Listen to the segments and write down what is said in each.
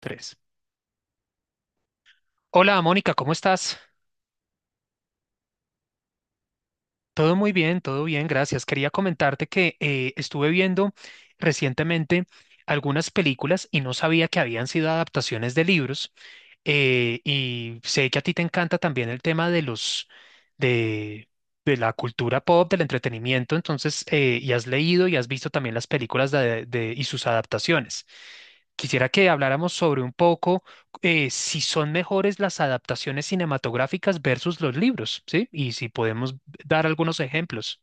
Tres. Hola, Mónica, ¿cómo estás? Todo muy bien, todo bien, gracias. Quería comentarte que estuve viendo recientemente algunas películas y no sabía que habían sido adaptaciones de libros. Y sé que a ti te encanta también el tema de de, de la cultura pop, del entretenimiento, entonces, y has leído y has visto también las películas de, y sus adaptaciones. Quisiera que habláramos sobre un poco si son mejores las adaptaciones cinematográficas versus los libros, ¿sí? Y si podemos dar algunos ejemplos.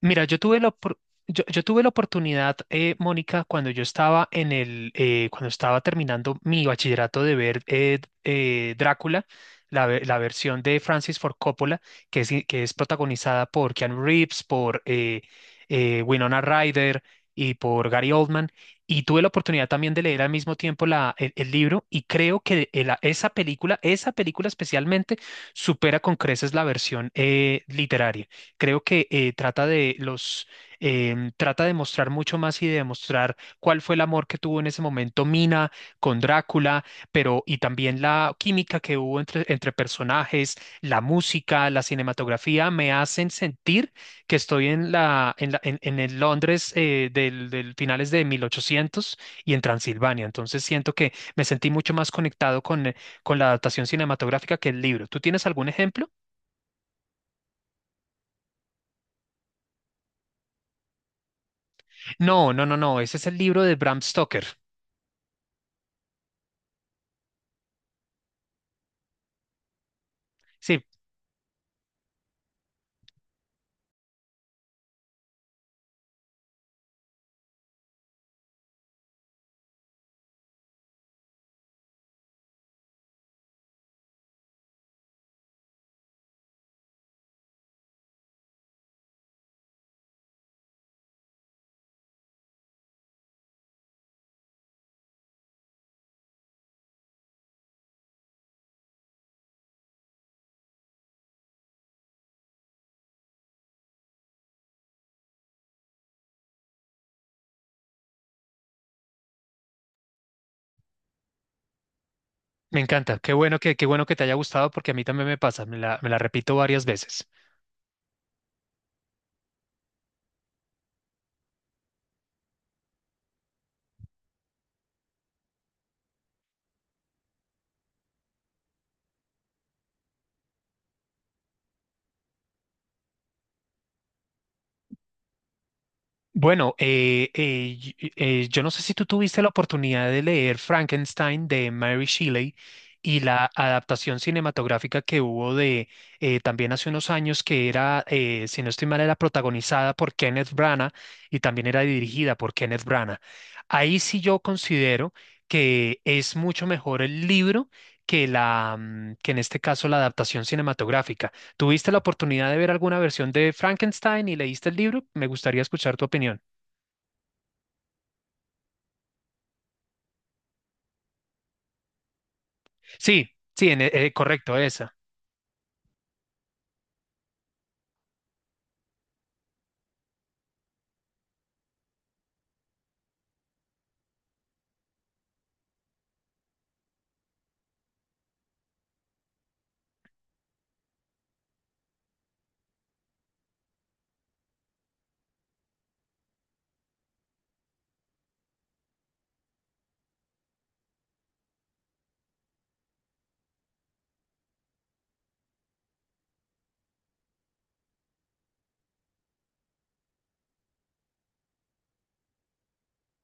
Mira, yo tuve yo tuve la oportunidad, Mónica, cuando yo estaba en el, cuando estaba terminando mi bachillerato de ver Drácula, la versión de Francis Ford Coppola, que es protagonizada por Keanu Reeves, por Winona Ryder y por Gary Oldman. Y tuve la oportunidad también de leer al mismo tiempo el libro y creo que esa película especialmente, supera con creces la versión literaria. Creo que trata de mostrar mucho más y de demostrar cuál fue el amor que tuvo en ese momento Mina con Drácula, pero y también la química que hubo entre personajes, la música, la cinematografía, me hacen sentir que estoy en en el Londres del finales de 1800 y en Transilvania. Entonces siento que me sentí mucho más conectado con la adaptación cinematográfica que el libro. ¿Tú tienes algún ejemplo? No, no, no, no, ese es el libro de Bram Stoker. Sí, me encanta. Qué bueno que te haya gustado porque a mí también me pasa. Me la repito varias veces. Bueno, yo no sé si tú tuviste la oportunidad de leer Frankenstein de Mary Shelley y la adaptación cinematográfica que hubo de también hace unos años que era, si no estoy mal, era protagonizada por Kenneth Branagh y también era dirigida por Kenneth Branagh. Ahí sí yo considero que es mucho mejor el libro que que en este caso la adaptación cinematográfica. ¿Tuviste la oportunidad de ver alguna versión de Frankenstein y leíste el libro? Me gustaría escuchar tu opinión. Sí, sí, en correcto, esa.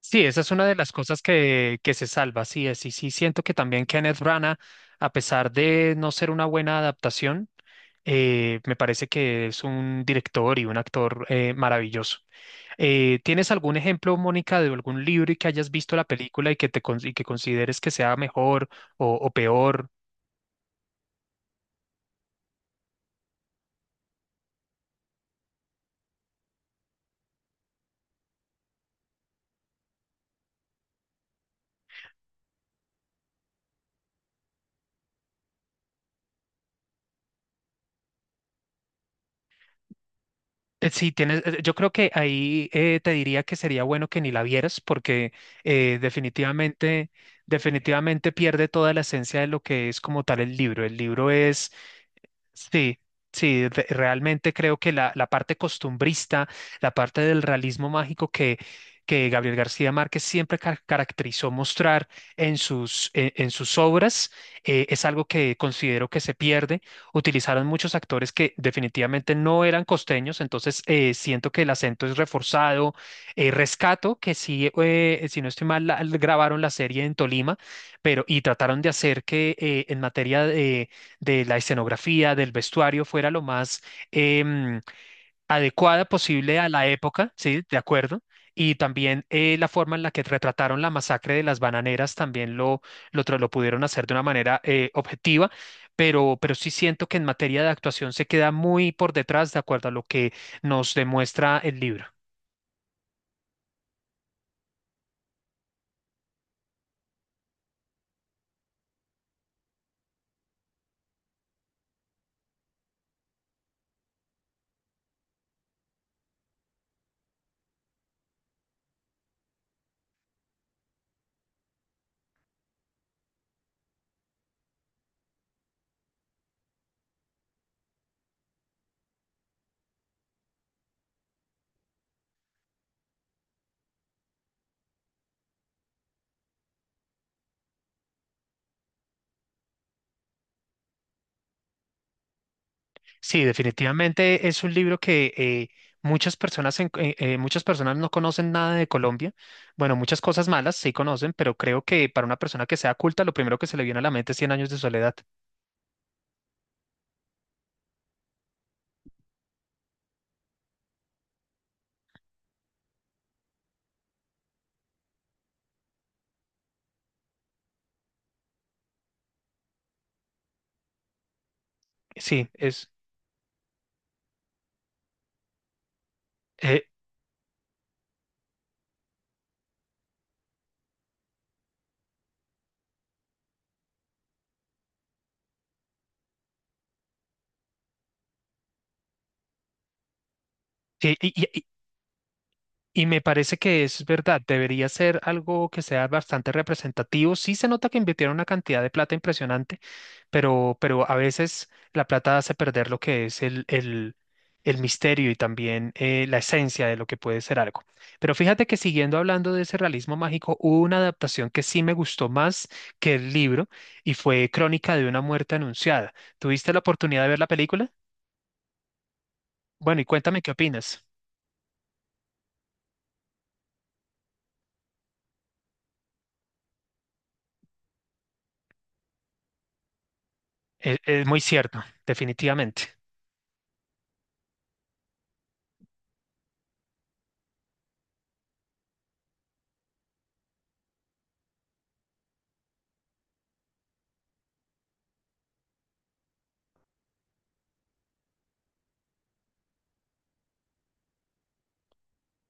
Sí, esa es una de las cosas que se salva, sí, es, y sí siento que también Kenneth Branagh, a pesar de no ser una buena adaptación, me parece que es un director y un actor maravilloso. ¿Tienes algún ejemplo, Mónica, de algún libro y que hayas visto la película y que te y que consideres que sea mejor o peor? Sí, tienes, yo creo que ahí te diría que sería bueno que ni la vieras porque eh, definitivamente, definitivamente pierde toda la esencia de lo que es como tal el libro. El libro es sí, sí, realmente creo que la parte costumbrista, la parte del realismo mágico que Gabriel García Márquez siempre caracterizó mostrar en en sus obras, es algo que considero que se pierde. Utilizaron muchos actores que definitivamente no eran costeños, entonces siento que el acento es reforzado. Rescato que sí, si no estoy mal, grabaron la serie en Tolima, pero y trataron de hacer que en materia de la escenografía, del vestuario, fuera lo más em, adecuada posible a la época, ¿sí? De acuerdo. Y también la forma en la que retrataron la masacre de las bananeras también lo pudieron hacer de una manera objetiva, pero sí siento que en materia de actuación se queda muy por detrás de acuerdo a lo que nos demuestra el libro. Sí, definitivamente es un libro que muchas personas muchas personas no conocen nada de Colombia. Bueno, muchas cosas malas sí conocen, pero creo que para una persona que sea culta, lo primero que se le viene a la mente es Cien años de soledad. Sí, es. eh, y, y- Y me parece que es verdad, debería ser algo que sea bastante representativo. Sí se nota que invirtieron una cantidad de plata impresionante, pero a veces la plata hace perder lo que es el misterio y también la esencia de lo que puede ser algo. Pero fíjate que siguiendo hablando de ese realismo mágico, hubo una adaptación que sí me gustó más que el libro y fue Crónica de una muerte anunciada. ¿Tuviste la oportunidad de ver la película? Bueno, y cuéntame qué opinas. Es muy cierto, definitivamente.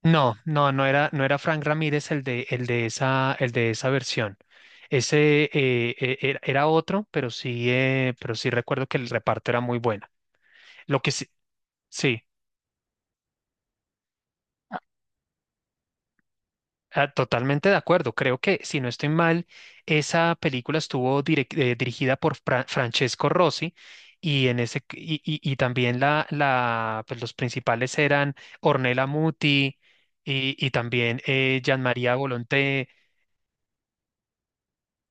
No, no, no era, no era Frank Ramírez el de esa versión. Ese era, era otro, pero sí recuerdo que el reparto era muy bueno. Lo que sí, sí. Ah, totalmente de acuerdo. Creo que, si no estoy mal, esa película estuvo dirigida por Francesco Rossi y, y también pues los principales eran Ornella Muti y también Gianmaria Volonté.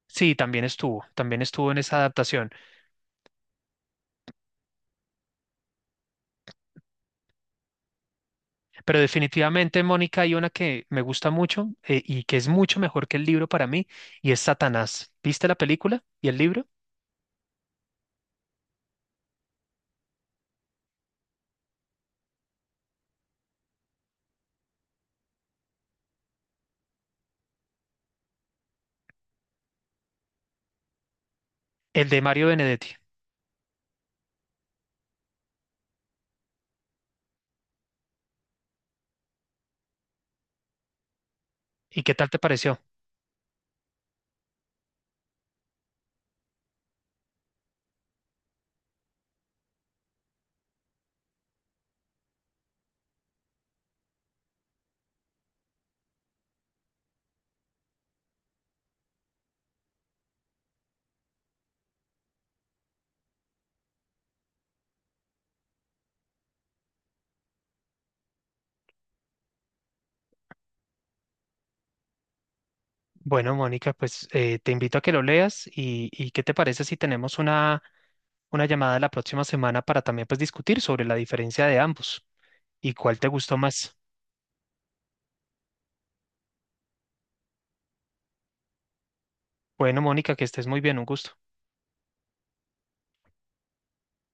Sí, también estuvo en esa adaptación. Pero definitivamente, Mónica, hay una que me gusta mucho y que es mucho mejor que el libro para mí y es Satanás. ¿Viste la película y el libro? El de Mario Benedetti. ¿Y qué tal te pareció? Bueno, Mónica, pues te invito a que lo leas y ¿qué te parece si tenemos una llamada la próxima semana para también pues discutir sobre la diferencia de ambos y cuál te gustó más? Bueno, Mónica, que estés muy bien, un gusto.